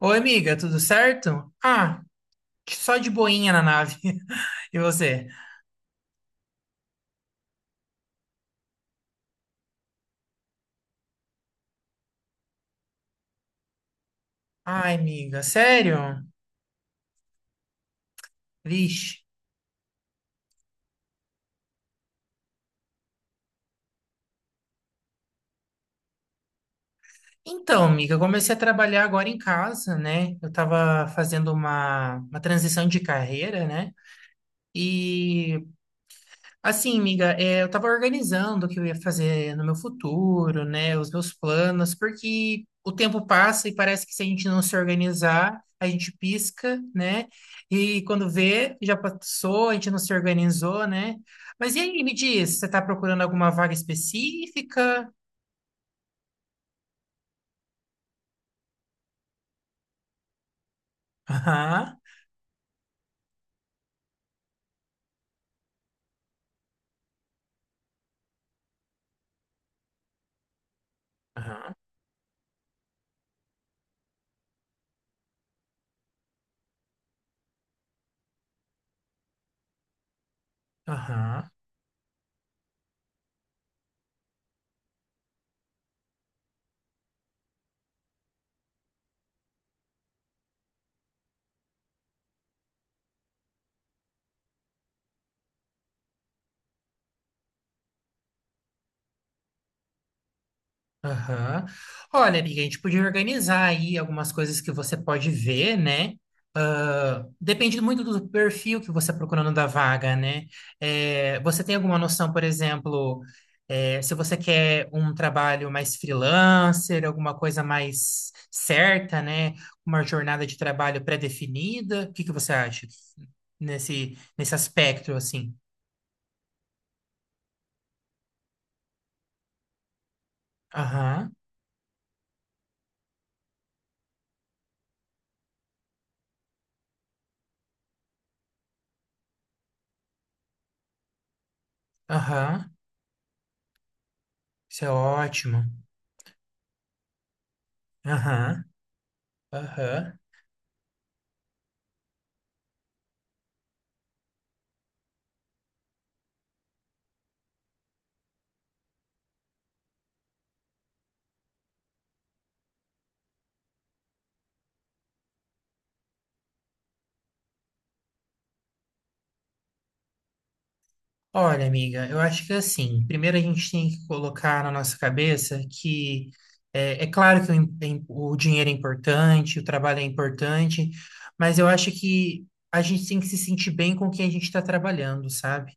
Oi, amiga, tudo certo? Só de boinha na nave. E você? Ai, amiga, sério? Vixe. Então, amiga, eu comecei a trabalhar agora em casa, né? Eu tava fazendo uma transição de carreira, né? E Assim, amiga, eu estava organizando o que eu ia fazer no meu futuro, né, os meus planos, porque o tempo passa e parece que se a gente não se organizar, a gente pisca, né, e quando vê, já passou, a gente não se organizou, né. Mas e aí, me diz, você está procurando alguma vaga específica? Aham, aham, aham. Aham. Olha, amiga, a gente podia organizar aí algumas coisas que você pode ver, né? Ah, depende muito do perfil que você está procurando da vaga, né? Você tem alguma noção, por exemplo, se você quer um trabalho mais freelancer, alguma coisa mais certa, né? Uma jornada de trabalho pré-definida? O que que você acha nesse aspecto, assim? Aham, aham. Isso é ótimo. Aham, aham. Olha, amiga, eu acho que assim, primeiro a gente tem que colocar na nossa cabeça que é claro que o dinheiro é importante, o trabalho é importante, mas eu acho que a gente tem que se sentir bem com o que a gente está trabalhando, sabe?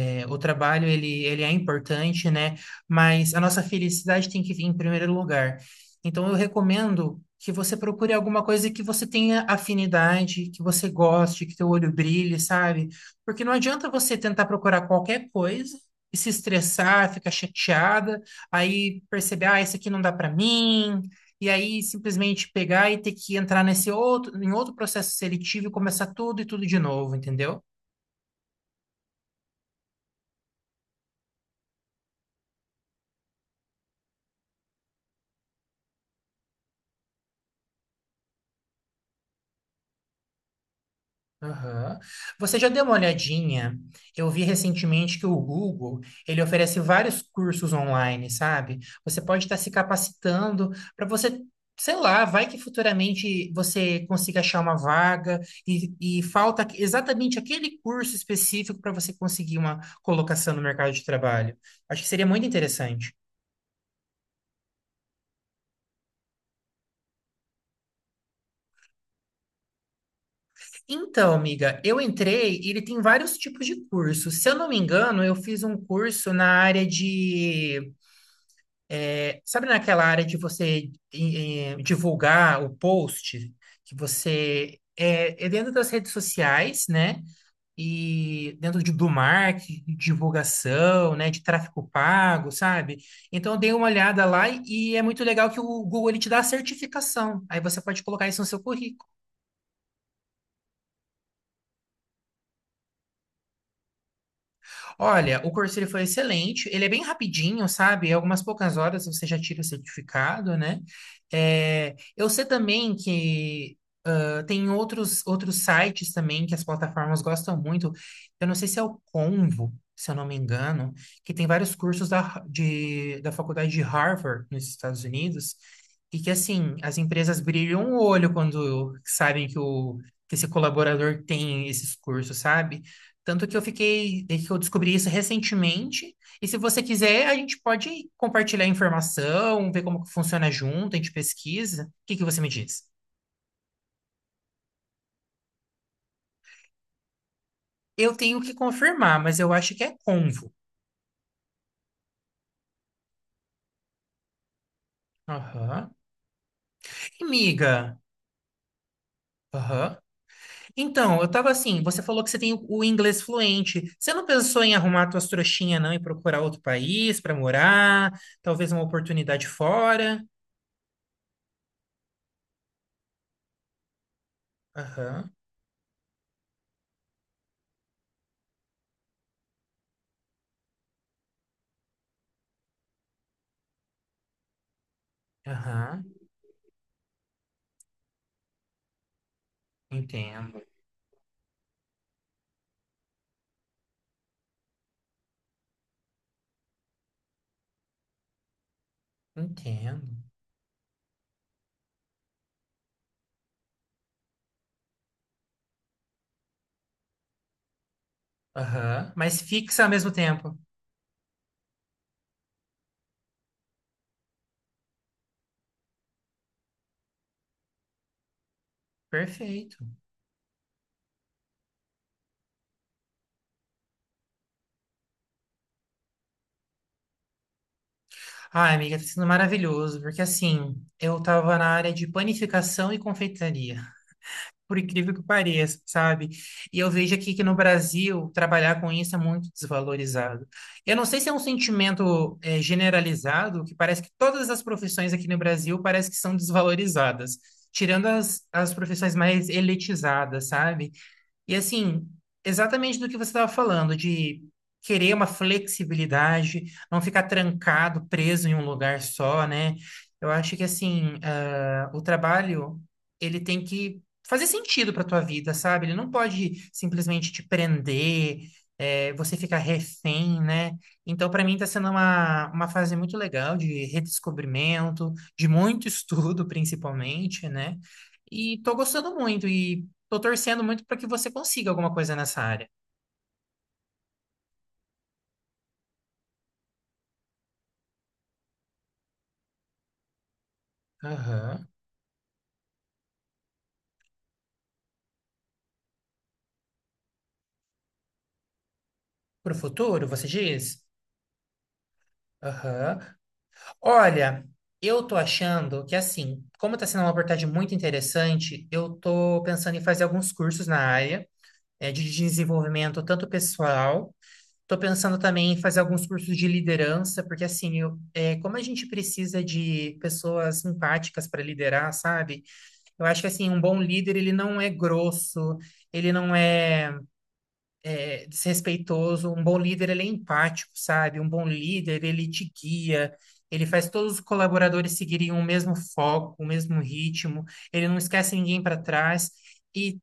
É, o trabalho ele é importante, né? Mas a nossa felicidade tem que vir em primeiro lugar. Então, eu recomendo que você procure alguma coisa que você tenha afinidade, que você goste, que teu olho brilhe, sabe? Porque não adianta você tentar procurar qualquer coisa e se estressar, ficar chateada, aí perceber, ah, isso aqui não dá para mim, e aí simplesmente pegar e ter que entrar em outro processo seletivo e começar tudo e tudo de novo, entendeu? Aham. Você já deu uma olhadinha? Eu vi recentemente que o Google, ele oferece vários cursos online, sabe? Você pode estar se capacitando para você, sei lá, vai que futuramente você consiga achar uma vaga e falta exatamente aquele curso específico para você conseguir uma colocação no mercado de trabalho. Acho que seria muito interessante. Então, amiga, eu entrei e ele tem vários tipos de cursos. Se eu não me engano, eu fiz um curso na área de. Sabe naquela área de você divulgar o post, que você é dentro das redes sociais, né? E dentro do marketing, de divulgação, né? De tráfego pago, sabe? Então eu dei uma olhada lá e é muito legal que o Google ele te dá a certificação. Aí você pode colocar isso no seu currículo. Olha, o curso ele foi excelente, ele é bem rapidinho, sabe? Em algumas poucas horas você já tira o certificado, né? É, eu sei também que. Ah, tem outros sites também que as plataformas gostam muito. Eu não sei se é o Convo, se eu não me engano, que tem vários cursos da faculdade de Harvard nos Estados Unidos, e que assim, as empresas brilham o olho quando sabem que esse colaborador tem esses cursos, sabe? Tanto que eu fiquei, é que eu descobri isso recentemente. E se você quiser, a gente pode compartilhar a informação, ver como que funciona junto, a gente pesquisa. O que que você me diz? Eu tenho que confirmar, mas eu acho que é Convo. Aham. Amiga. Miga. Aham. Então, eu tava assim, você falou que você tem o inglês fluente. Você não pensou em arrumar tuas trouxinhas, não, e procurar outro país para morar? Talvez uma oportunidade fora? Aham. Aham. Entendo. Entendo. Aham. Mas fixa ao mesmo tempo. Perfeito. Ah, amiga, tá sendo maravilhoso, porque assim, eu tava na área de panificação e confeitaria. Por incrível que pareça, sabe? E eu vejo aqui que no Brasil trabalhar com isso é muito desvalorizado. Eu não sei se é um sentimento generalizado, que parece que todas as profissões aqui no Brasil parece que são desvalorizadas, tirando as profissões mais elitizadas, sabe? E assim, exatamente do que você estava falando, de querer uma flexibilidade, não ficar trancado, preso em um lugar só, né? Eu acho que assim, ah, o trabalho, ele tem que fazer sentido para tua vida, sabe? Ele não pode simplesmente te prender, você ficar refém, né? Então, para mim, está sendo uma fase muito legal de redescobrimento, de muito estudo, principalmente, né? E tô gostando muito. E. Tô torcendo muito para que você consiga alguma coisa nessa área. Aham. Pro futuro, você diz? Aham. Olha, eu tô achando que assim, como tá sendo uma abordagem muito interessante, eu tô pensando em fazer alguns cursos na área, de desenvolvimento tanto pessoal, tô pensando também em fazer alguns cursos de liderança, porque assim, como a gente precisa de pessoas empáticas para liderar, sabe? Eu acho que assim, um bom líder, ele não é grosso, ele não é desrespeitoso. Um bom líder, ele é empático, sabe? Um bom líder, ele te guia, ele faz todos os colaboradores seguirem o mesmo foco, o mesmo ritmo, ele não esquece ninguém para trás. E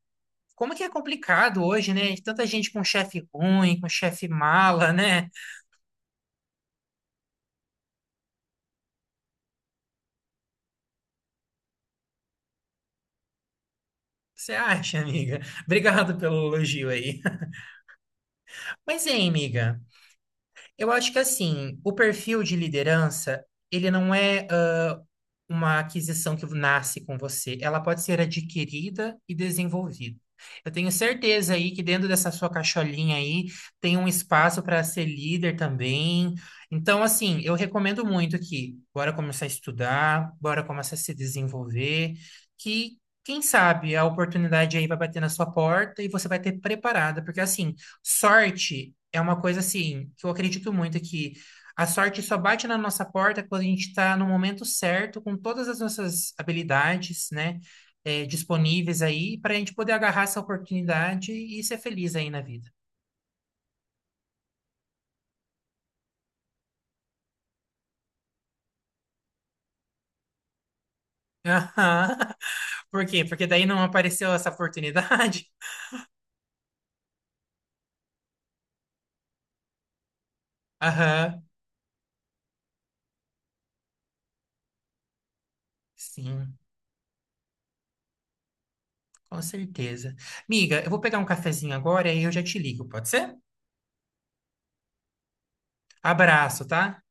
como que é complicado hoje, né? Tanta gente com chefe ruim, com chefe mala, né? Você acha, amiga? Obrigado pelo elogio aí. Mas, hein, amiga, eu acho que assim, o perfil de liderança, ele não é uma aquisição que nasce com você, ela pode ser adquirida e desenvolvida. Eu tenho certeza aí que dentro dessa sua caixolinha aí tem um espaço para ser líder também. Então, assim, eu recomendo muito que bora começar a estudar, bora começar a se desenvolver, que quem sabe a oportunidade aí vai bater na sua porta e você vai ter preparada, porque assim, sorte é uma coisa assim que eu acredito muito que a sorte só bate na nossa porta quando a gente está no momento certo, com todas as nossas habilidades, né, disponíveis aí, para a gente poder agarrar essa oportunidade e ser feliz aí na vida. Aham. Por quê? Porque daí não apareceu essa oportunidade? Aham. Sim, com certeza. Miga, eu vou pegar um cafezinho agora e eu já te ligo, pode ser? Abraço, tá?